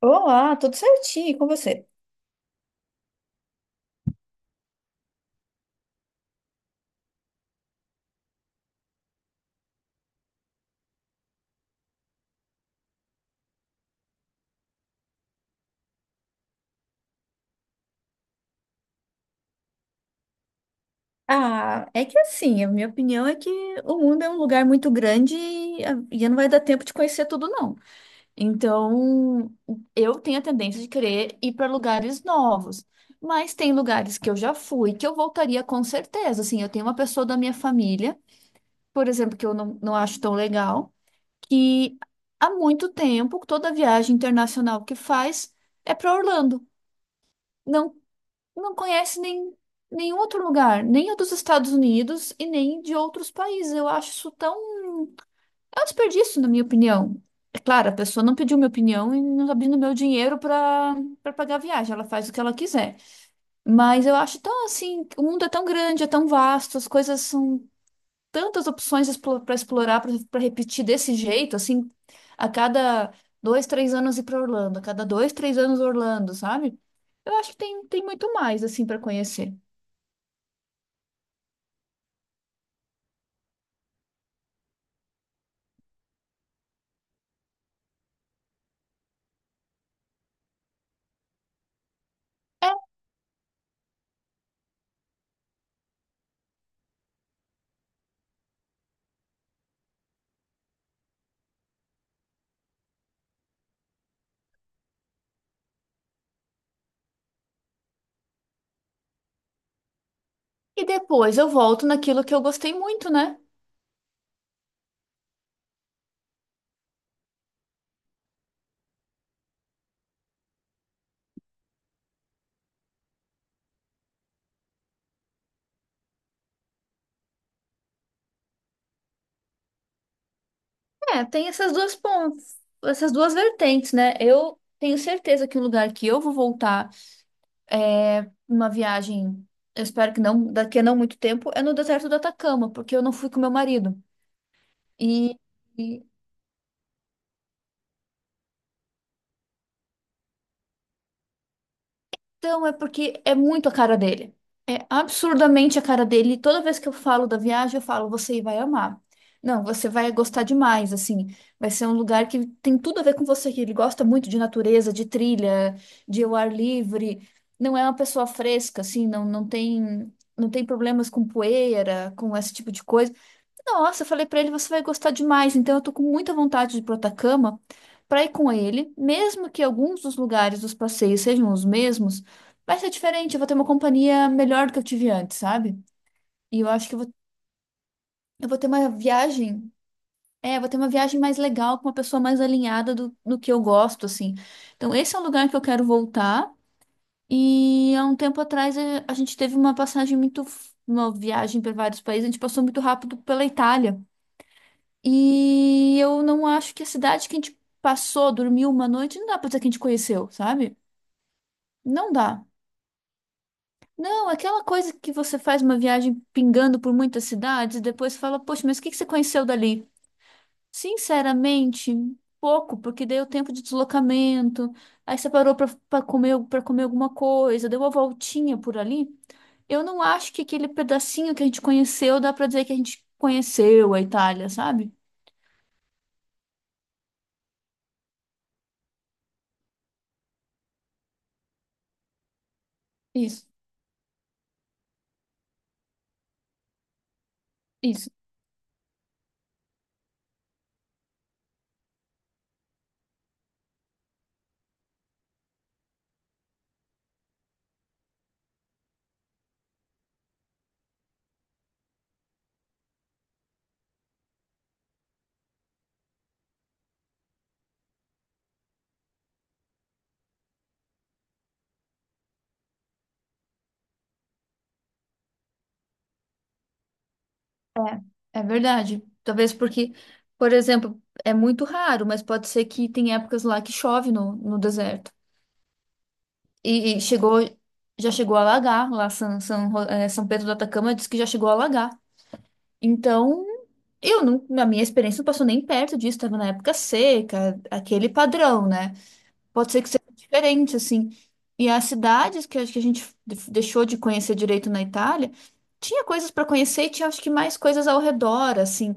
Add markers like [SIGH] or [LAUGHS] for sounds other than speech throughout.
Olá, tudo certinho e com você? Ah, é que assim, a minha opinião é que o mundo é um lugar muito grande e, e não vai dar tempo de conhecer tudo, não. Então, eu tenho a tendência de querer ir para lugares novos, mas tem lugares que eu já fui que eu voltaria com certeza. Assim, eu tenho uma pessoa da minha família, por exemplo, que eu não, não acho tão legal, que há muito tempo, toda viagem internacional que faz é para Orlando. Não, não conhece nem, nenhum outro lugar, nem o dos Estados Unidos e nem de outros países. Eu acho isso tão... É um desperdício, na minha opinião. É claro, a pessoa não pediu minha opinião e não tá pedindo meu dinheiro para pagar a viagem. Ela faz o que ela quiser. Mas eu acho tão assim, o mundo é tão grande, é tão vasto, as coisas são tantas opções para explorar, para repetir desse jeito, assim, a cada dois, três anos ir para Orlando, a cada dois, três anos Orlando, sabe? Eu acho que tem muito mais assim para conhecer. E depois eu volto naquilo que eu gostei muito, né? É, tem essas duas pontas, essas duas vertentes, né? Eu tenho certeza que o lugar que eu vou voltar é uma viagem, eu espero que não, daqui a não muito tempo, é no deserto do Atacama, porque eu não fui com meu marido. E, e Então, é porque é muito a cara dele. É absurdamente a cara dele. E toda vez que eu falo da viagem, eu falo, você vai amar. Não, você vai gostar demais, assim. Vai ser um lugar que tem tudo a ver com você, que ele gosta muito de natureza, de trilha, de ao ar livre. Não é uma pessoa fresca, assim, não, não tem, não tem problemas com poeira, com esse tipo de coisa. Nossa, eu falei pra ele, você vai gostar demais. Então, eu tô com muita vontade de ir pro Atacama pra ir com ele, mesmo que alguns dos lugares dos passeios sejam os mesmos, vai ser diferente. Eu vou ter uma companhia melhor do que eu tive antes, sabe? E eu acho que eu vou ter uma viagem. É, eu vou ter uma viagem mais legal com uma pessoa mais alinhada do que eu gosto, assim. Então, esse é um lugar que eu quero voltar. E há um tempo atrás a gente teve uma passagem muito... Uma viagem para vários países, a gente passou muito rápido pela Itália. E eu não acho que a cidade que a gente passou, dormiu uma noite, não dá pra dizer que a gente conheceu, sabe? Não dá. Não, aquela coisa que você faz uma viagem pingando por muitas cidades e depois fala, poxa, mas o que que você conheceu dali? Sinceramente, pouco, porque deu tempo de deslocamento, aí você parou pra, pra comer, para comer alguma coisa, deu uma voltinha por ali. Eu não acho que aquele pedacinho que a gente conheceu dá pra dizer que a gente conheceu a Itália, sabe? Isso, isso. É é verdade. Talvez porque, por exemplo, é muito raro, mas pode ser que tem épocas lá que chove no deserto. Chegou, já chegou a alagar lá São Pedro do Atacama diz que já chegou a alagar. Então, eu não, na minha experiência não passou nem perto disso, estava na época seca, aquele padrão, né? Pode ser que seja diferente, assim. E as cidades que acho que a gente deixou de conhecer direito na Itália, tinha coisas para conhecer e tinha acho que mais coisas ao redor, assim.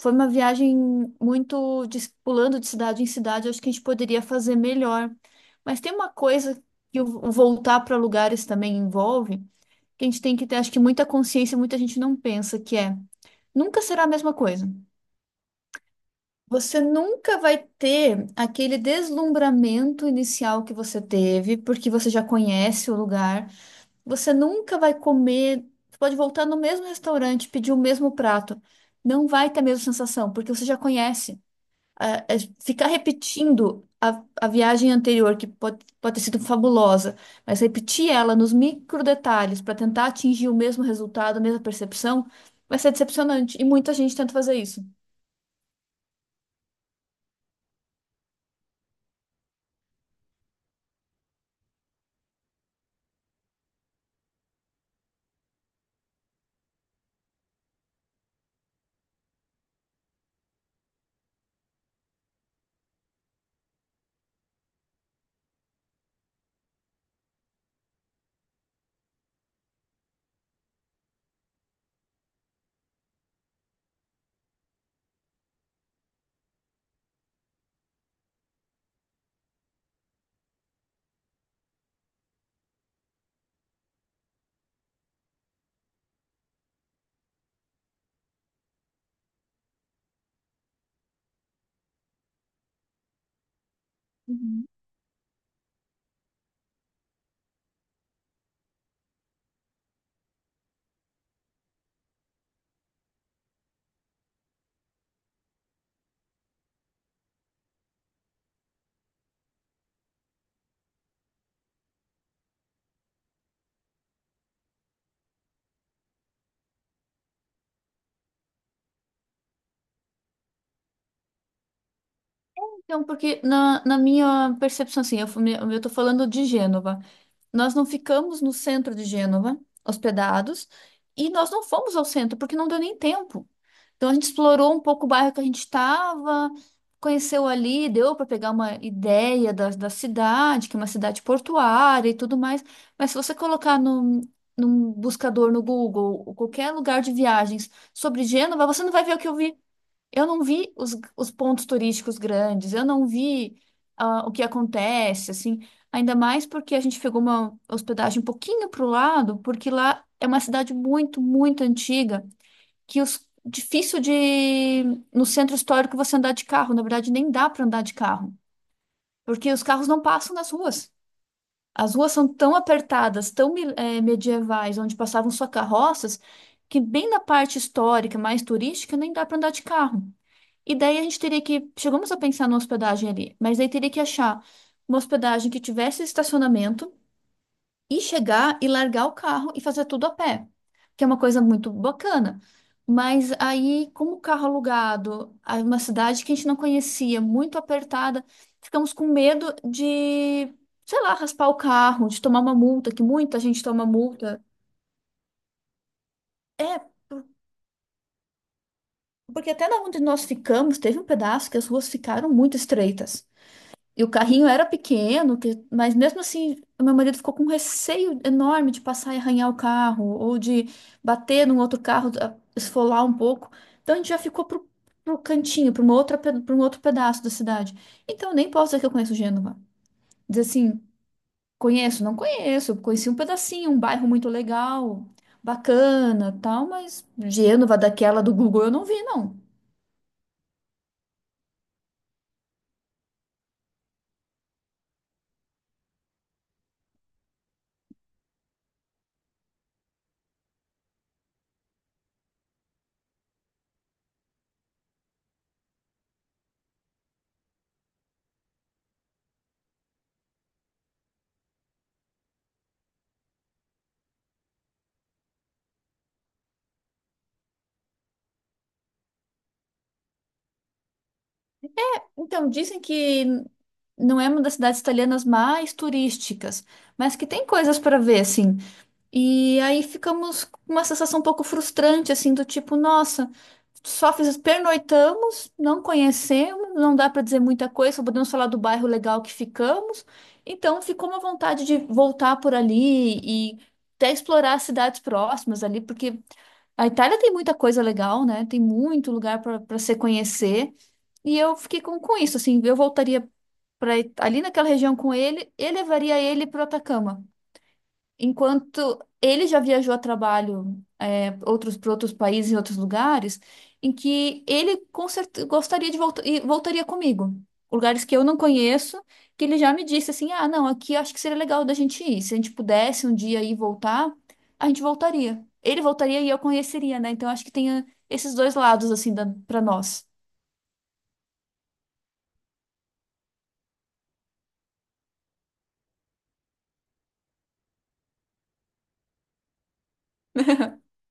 Foi uma viagem muito de, pulando de cidade em cidade, acho que a gente poderia fazer melhor. Mas tem uma coisa que o voltar para lugares também envolve, que a gente tem que ter, acho que muita consciência, muita gente não pensa, que é nunca será a mesma coisa. Você nunca vai ter aquele deslumbramento inicial que você teve, porque você já conhece o lugar. Você nunca vai comer. Você pode voltar no mesmo restaurante, pedir o mesmo prato. Não vai ter a mesma sensação, porque você já conhece. Ah, é. Ficar repetindo a viagem anterior, que pode, pode ter sido fabulosa, mas repetir ela nos micro detalhes para tentar atingir o mesmo resultado, a mesma percepção, vai ser decepcionante. E muita gente tenta fazer isso. Não, porque na minha percepção, assim, eu, eu tô falando de Gênova. Nós não ficamos no centro de Gênova, hospedados, e nós não fomos ao centro, porque não deu nem tempo. Então a gente explorou um pouco o bairro que a gente estava, conheceu ali, deu para pegar uma ideia da, da cidade, que é uma cidade portuária e tudo mais. Mas se você colocar num, num buscador no Google, ou qualquer lugar de viagens sobre Gênova, você não vai ver o que eu vi. Eu não vi os pontos turísticos grandes, eu não vi o que acontece, assim, ainda mais porque a gente pegou uma hospedagem um pouquinho para o lado, porque lá é uma cidade muito, muito antiga, que os, difícil de, no centro histórico você andar de carro, na verdade nem dá para andar de carro, porque os carros não passam nas ruas. As ruas são tão apertadas, tão medievais, onde passavam só carroças, que bem na parte histórica, mais turística, nem dá para andar de carro. E daí a gente teria que... Chegamos a pensar numa hospedagem ali, mas aí teria que achar uma hospedagem que tivesse estacionamento e chegar e largar o carro e fazer tudo a pé, que é uma coisa muito bacana. Mas aí, como o carro alugado, aí uma cidade que a gente não conhecia, muito apertada, ficamos com medo de, sei lá, raspar o carro, de tomar uma multa, que muita gente toma multa. É, por- porque até na onde nós ficamos, teve um pedaço que as ruas ficaram muito estreitas. E o carrinho era pequeno, mas mesmo assim, o meu marido ficou com um receio enorme de passar e arranhar o carro, ou de bater num outro carro, esfolar um pouco. Então a gente já ficou pro, pro cantinho, para uma outra, para um outro pedaço da cidade. Então eu nem posso dizer que eu conheço Gênova. Dizer assim, conheço, não conheço, conheci um pedacinho, um bairro muito legal, bacana, tal, mas Gênova daquela do Google eu não vi, não. Então, dizem que não é uma das cidades italianas mais turísticas, mas que tem coisas para ver, assim. E aí ficamos com uma sensação um pouco frustrante, assim, do tipo, nossa, só fiz, pernoitamos, não conhecemos, não dá para dizer muita coisa, só podemos falar do bairro legal que ficamos. Então ficou uma vontade de voltar por ali e até explorar as cidades próximas ali, porque a Itália tem muita coisa legal, né? Tem muito lugar para para se conhecer. E eu fiquei com isso, assim, eu voltaria pra ir ali naquela região com ele e levaria ele para o Atacama. Enquanto ele já viajou a trabalho outros para outros países e outros lugares, em que ele com gostaria de voltar e voltaria comigo. Lugares que eu não conheço, que ele já me disse assim: ah, não, aqui acho que seria legal da gente ir. Se a gente pudesse um dia ir e voltar, a gente voltaria. Ele voltaria e eu conheceria, né? Então acho que tem esses dois lados, assim, para nós. [LAUGHS]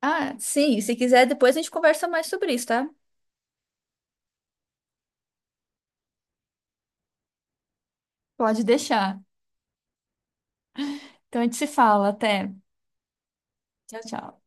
Ah, sim, se quiser, depois a gente conversa mais sobre isso, tá? Pode deixar. Então a gente se fala. Até. Tchau, tchau.